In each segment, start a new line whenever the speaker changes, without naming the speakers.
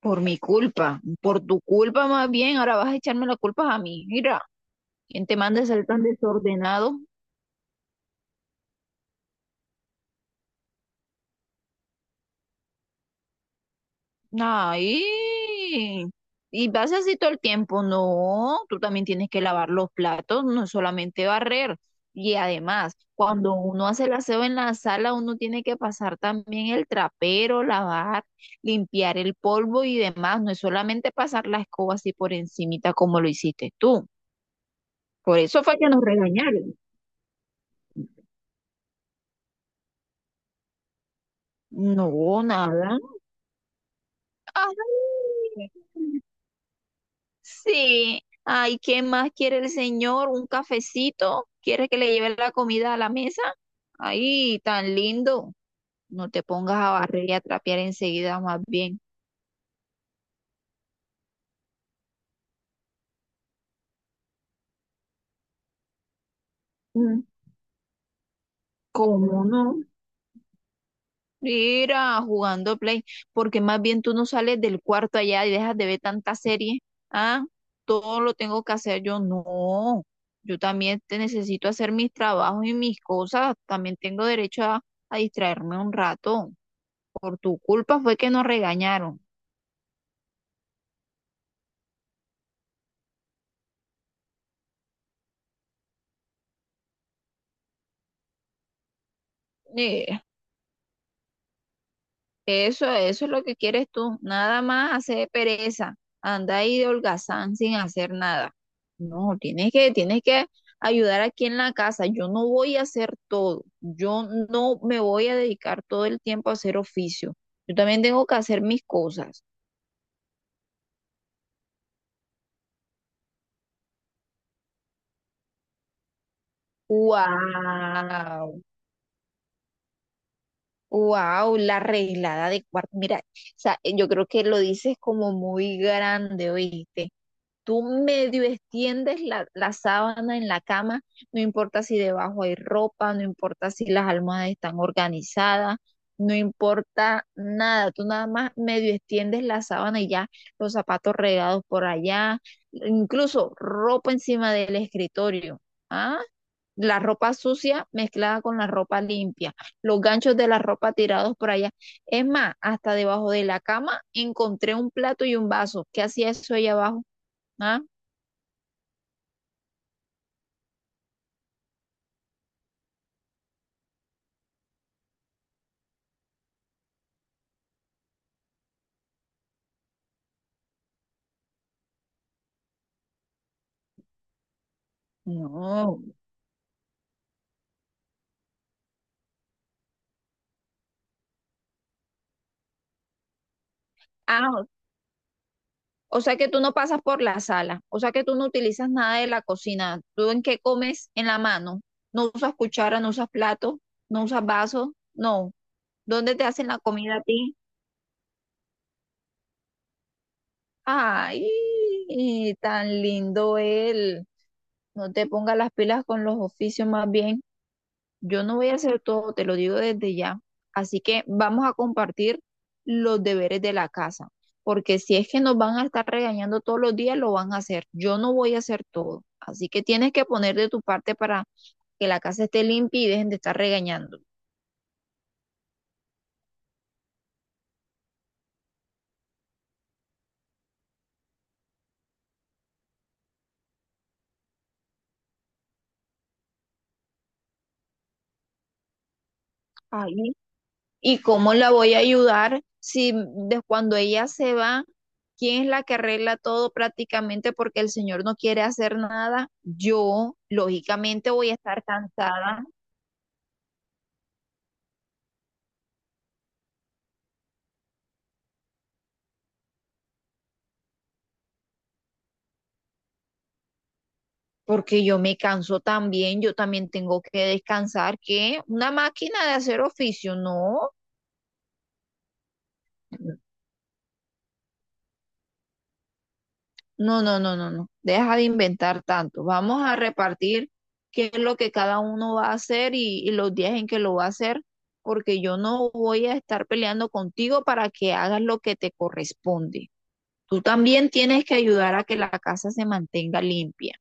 Por mi culpa, por tu culpa más bien, ahora vas a echarme la culpa a mí. Mira, ¿quién te manda a ser tan desordenado? Ay, y vas así todo el tiempo. No, tú también tienes que lavar los platos, no solamente barrer. Y además, cuando uno hace el aseo en la sala, uno tiene que pasar también el trapero, lavar, limpiar el polvo y demás. No es solamente pasar la escoba así por encimita como lo hiciste tú. Por eso fue que nos regañaron. No, nada. Ay, sí. Ay, ¿qué más quiere el señor? ¿Un cafecito? ¿Quiere que le lleve la comida a la mesa? Ay, tan lindo. No te pongas a barrer y a trapear enseguida, más bien. Mm. ¿Cómo no? Mira, jugando Play, porque más bien tú no sales del cuarto allá y dejas de ver tanta serie. Ah, todo lo tengo que hacer yo. No, yo también te necesito hacer mis trabajos y mis cosas. También tengo derecho a distraerme un rato. Por tu culpa fue que nos regañaron. Eh, Eso, eso es lo que quieres tú, nada más hacer pereza, anda ahí de holgazán sin hacer nada. No, tienes que ayudar aquí en la casa. Yo no voy a hacer todo, yo no me voy a dedicar todo el tiempo a hacer oficio. Yo también tengo que hacer mis cosas. Wow, wow, la arreglada de cuarto. Mira, o sea, yo creo que lo dices como muy grande, oíste. Tú medio extiendes la sábana en la cama, no importa si debajo hay ropa, no importa si las almohadas están organizadas, no importa nada, tú nada más medio extiendes la sábana y ya los zapatos regados por allá, incluso ropa encima del escritorio. ¿Ah? La ropa sucia mezclada con la ropa limpia, los ganchos de la ropa tirados por allá. Es más, hasta debajo de la cama encontré un plato y un vaso. ¿Qué hacía eso ahí abajo? ¿Ah? No. Ah, o sea que tú no pasas por la sala, o sea que tú no utilizas nada de la cocina. ¿Tú en qué comes? En la mano. No usas cuchara, no usas plato, no usas vaso, no. ¿Dónde te hacen la comida a ti? Ay, tan lindo él. No te pongas las pilas con los oficios más bien. Yo no voy a hacer todo, te lo digo desde ya. Así que vamos a compartir los deberes de la casa, porque si es que nos van a estar regañando todos los días, lo van a hacer. Yo no voy a hacer todo. Así que tienes que poner de tu parte para que la casa esté limpia y dejen de estar regañando. Ay, ¿y cómo la voy a ayudar si de cuando ella se va, quién es la que arregla todo prácticamente porque el señor no quiere hacer nada? Yo, lógicamente, voy a estar cansada. Porque yo me canso también, yo también tengo que descansar, que una máquina de hacer oficio, no, no, no, no, no, no, deja de inventar tanto, vamos a repartir qué es lo que cada uno va a hacer y los días en que lo va a hacer, porque yo no voy a estar peleando contigo para que hagas lo que te corresponde. Tú también tienes que ayudar a que la casa se mantenga limpia.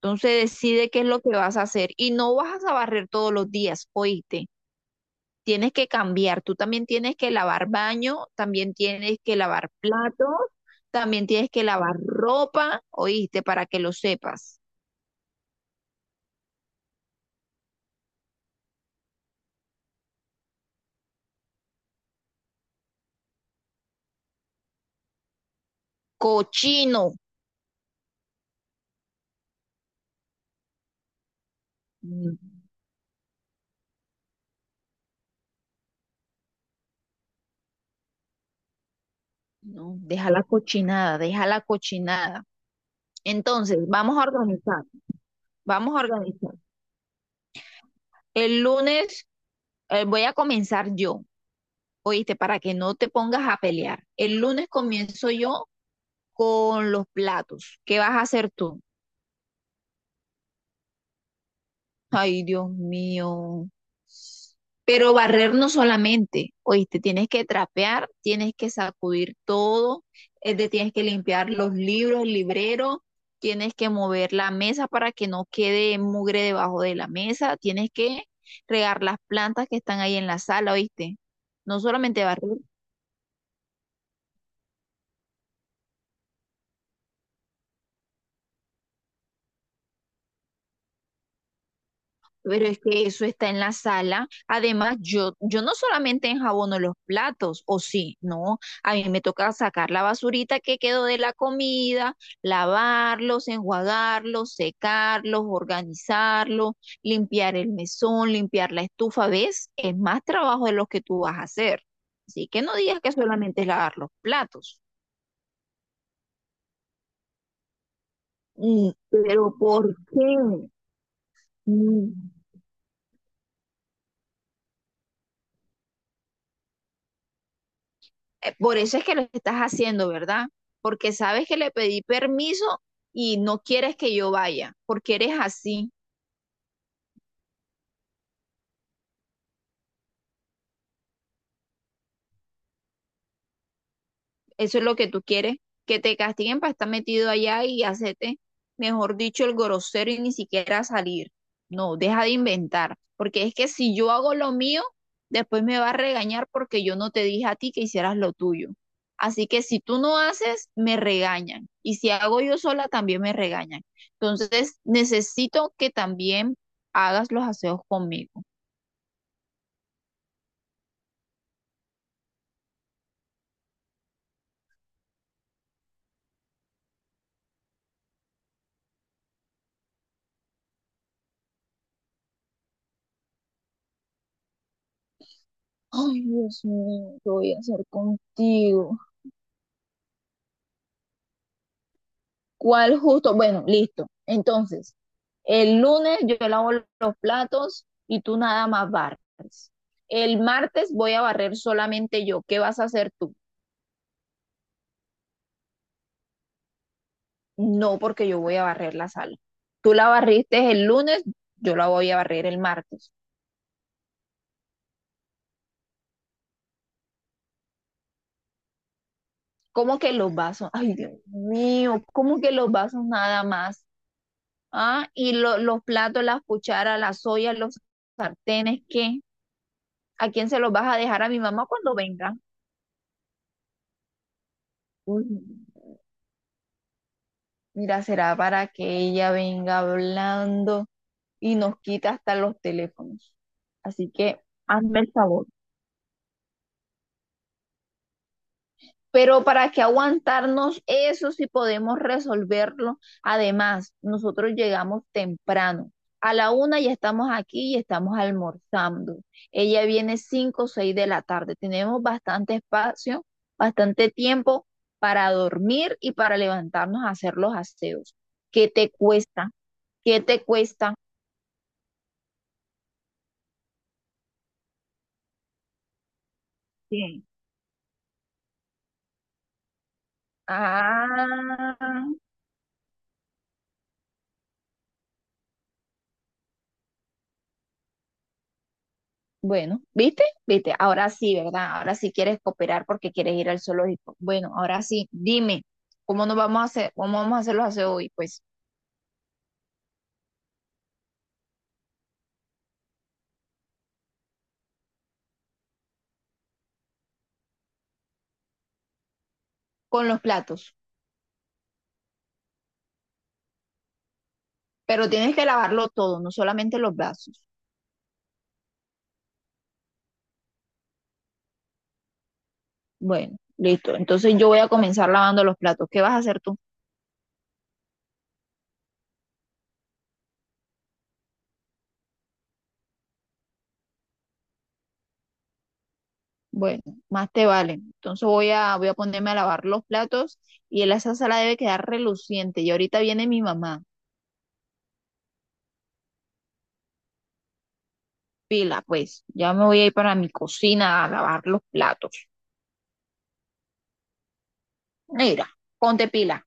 Entonces decide qué es lo que vas a hacer y no vas a barrer todos los días, oíste. Tienes que cambiar, tú también tienes que lavar baño, también tienes que lavar platos, también tienes que lavar ropa, oíste, para que lo sepas. Cochino. Mm, No, deja la cochinada, deja la cochinada. Entonces, vamos a organizar, vamos a organizar. El lunes voy a comenzar yo, oíste, para que no te pongas a pelear. El lunes comienzo yo con los platos. ¿Qué vas a hacer tú? Ay, Dios mío. Pero barrer no solamente, oíste, tienes que trapear, tienes que sacudir todo, tienes que limpiar los libros, el librero, tienes que mover la mesa para que no quede mugre debajo de la mesa, tienes que regar las plantas que están ahí en la sala, oíste. No solamente barrer. Pero es que eso está en la sala. Además, yo no solamente enjabono los platos, o sí, no. A mí me toca sacar la basurita que quedó de la comida, lavarlos, enjuagarlos, secarlos, organizarlos, limpiar el mesón, limpiar la estufa. ¿Ves? Es más trabajo de los que tú vas a hacer. Así que no digas que solamente es lavar los platos. Mm. Pero ¿por qué? Mm. Por eso es que lo estás haciendo, ¿verdad? Porque sabes que le pedí permiso y no quieres que yo vaya, porque eres así. Eso es lo que tú quieres, que te castiguen para estar metido allá y hacerte, mejor dicho, el grosero y ni siquiera salir. No, deja de inventar, porque es que si yo hago lo mío, después me va a regañar porque yo no te dije a ti que hicieras lo tuyo. Así que si tú no haces, me regañan. Y si hago yo sola, también me regañan. Entonces, necesito que también hagas los aseos conmigo. Ay, Dios mío, ¿qué voy a hacer contigo? ¿Cuál justo? Bueno, listo. Entonces, el lunes yo lavo los platos y tú nada más barres. El martes voy a barrer solamente yo. ¿Qué vas a hacer tú? No, porque yo voy a barrer la sala. Tú la barriste el lunes, yo la voy a barrer el martes. ¿Cómo que los vasos? Ay, Dios mío, ¿cómo que los vasos nada más? Ah, y los platos, las cucharas, las ollas, los sartenes, ¿qué? ¿A quién se los vas a dejar a mi mamá cuando venga? Uy. Mira, será para que ella venga hablando y nos quita hasta los teléfonos. Así que hazme el favor. Pero para que aguantarnos eso si podemos resolverlo. Además, nosotros llegamos temprano. A la una ya estamos aquí y estamos almorzando. Ella viene cinco o seis de la tarde. Tenemos bastante espacio, bastante tiempo para dormir y para levantarnos a hacer los aseos. ¿Qué te cuesta? ¿Qué te cuesta? Sí. Ah, bueno, ¿viste? ¿Viste? Ahora sí, ¿verdad? Ahora sí quieres cooperar porque quieres ir al zoológico. Bueno, ahora sí, dime, ¿cómo nos vamos a hacer, cómo vamos a hacer los aseos hoy? Pues con los platos, pero tienes que lavarlo todo, no solamente los brazos. Bueno, listo. Entonces yo voy a comenzar lavando los platos. ¿Qué vas a hacer tú? Bueno, más te vale. Entonces voy a, voy a ponerme a lavar los platos y esa sala debe quedar reluciente. Y ahorita viene mi mamá. Pila, pues ya me voy a ir para mi cocina a lavar los platos. Mira, ponte pila.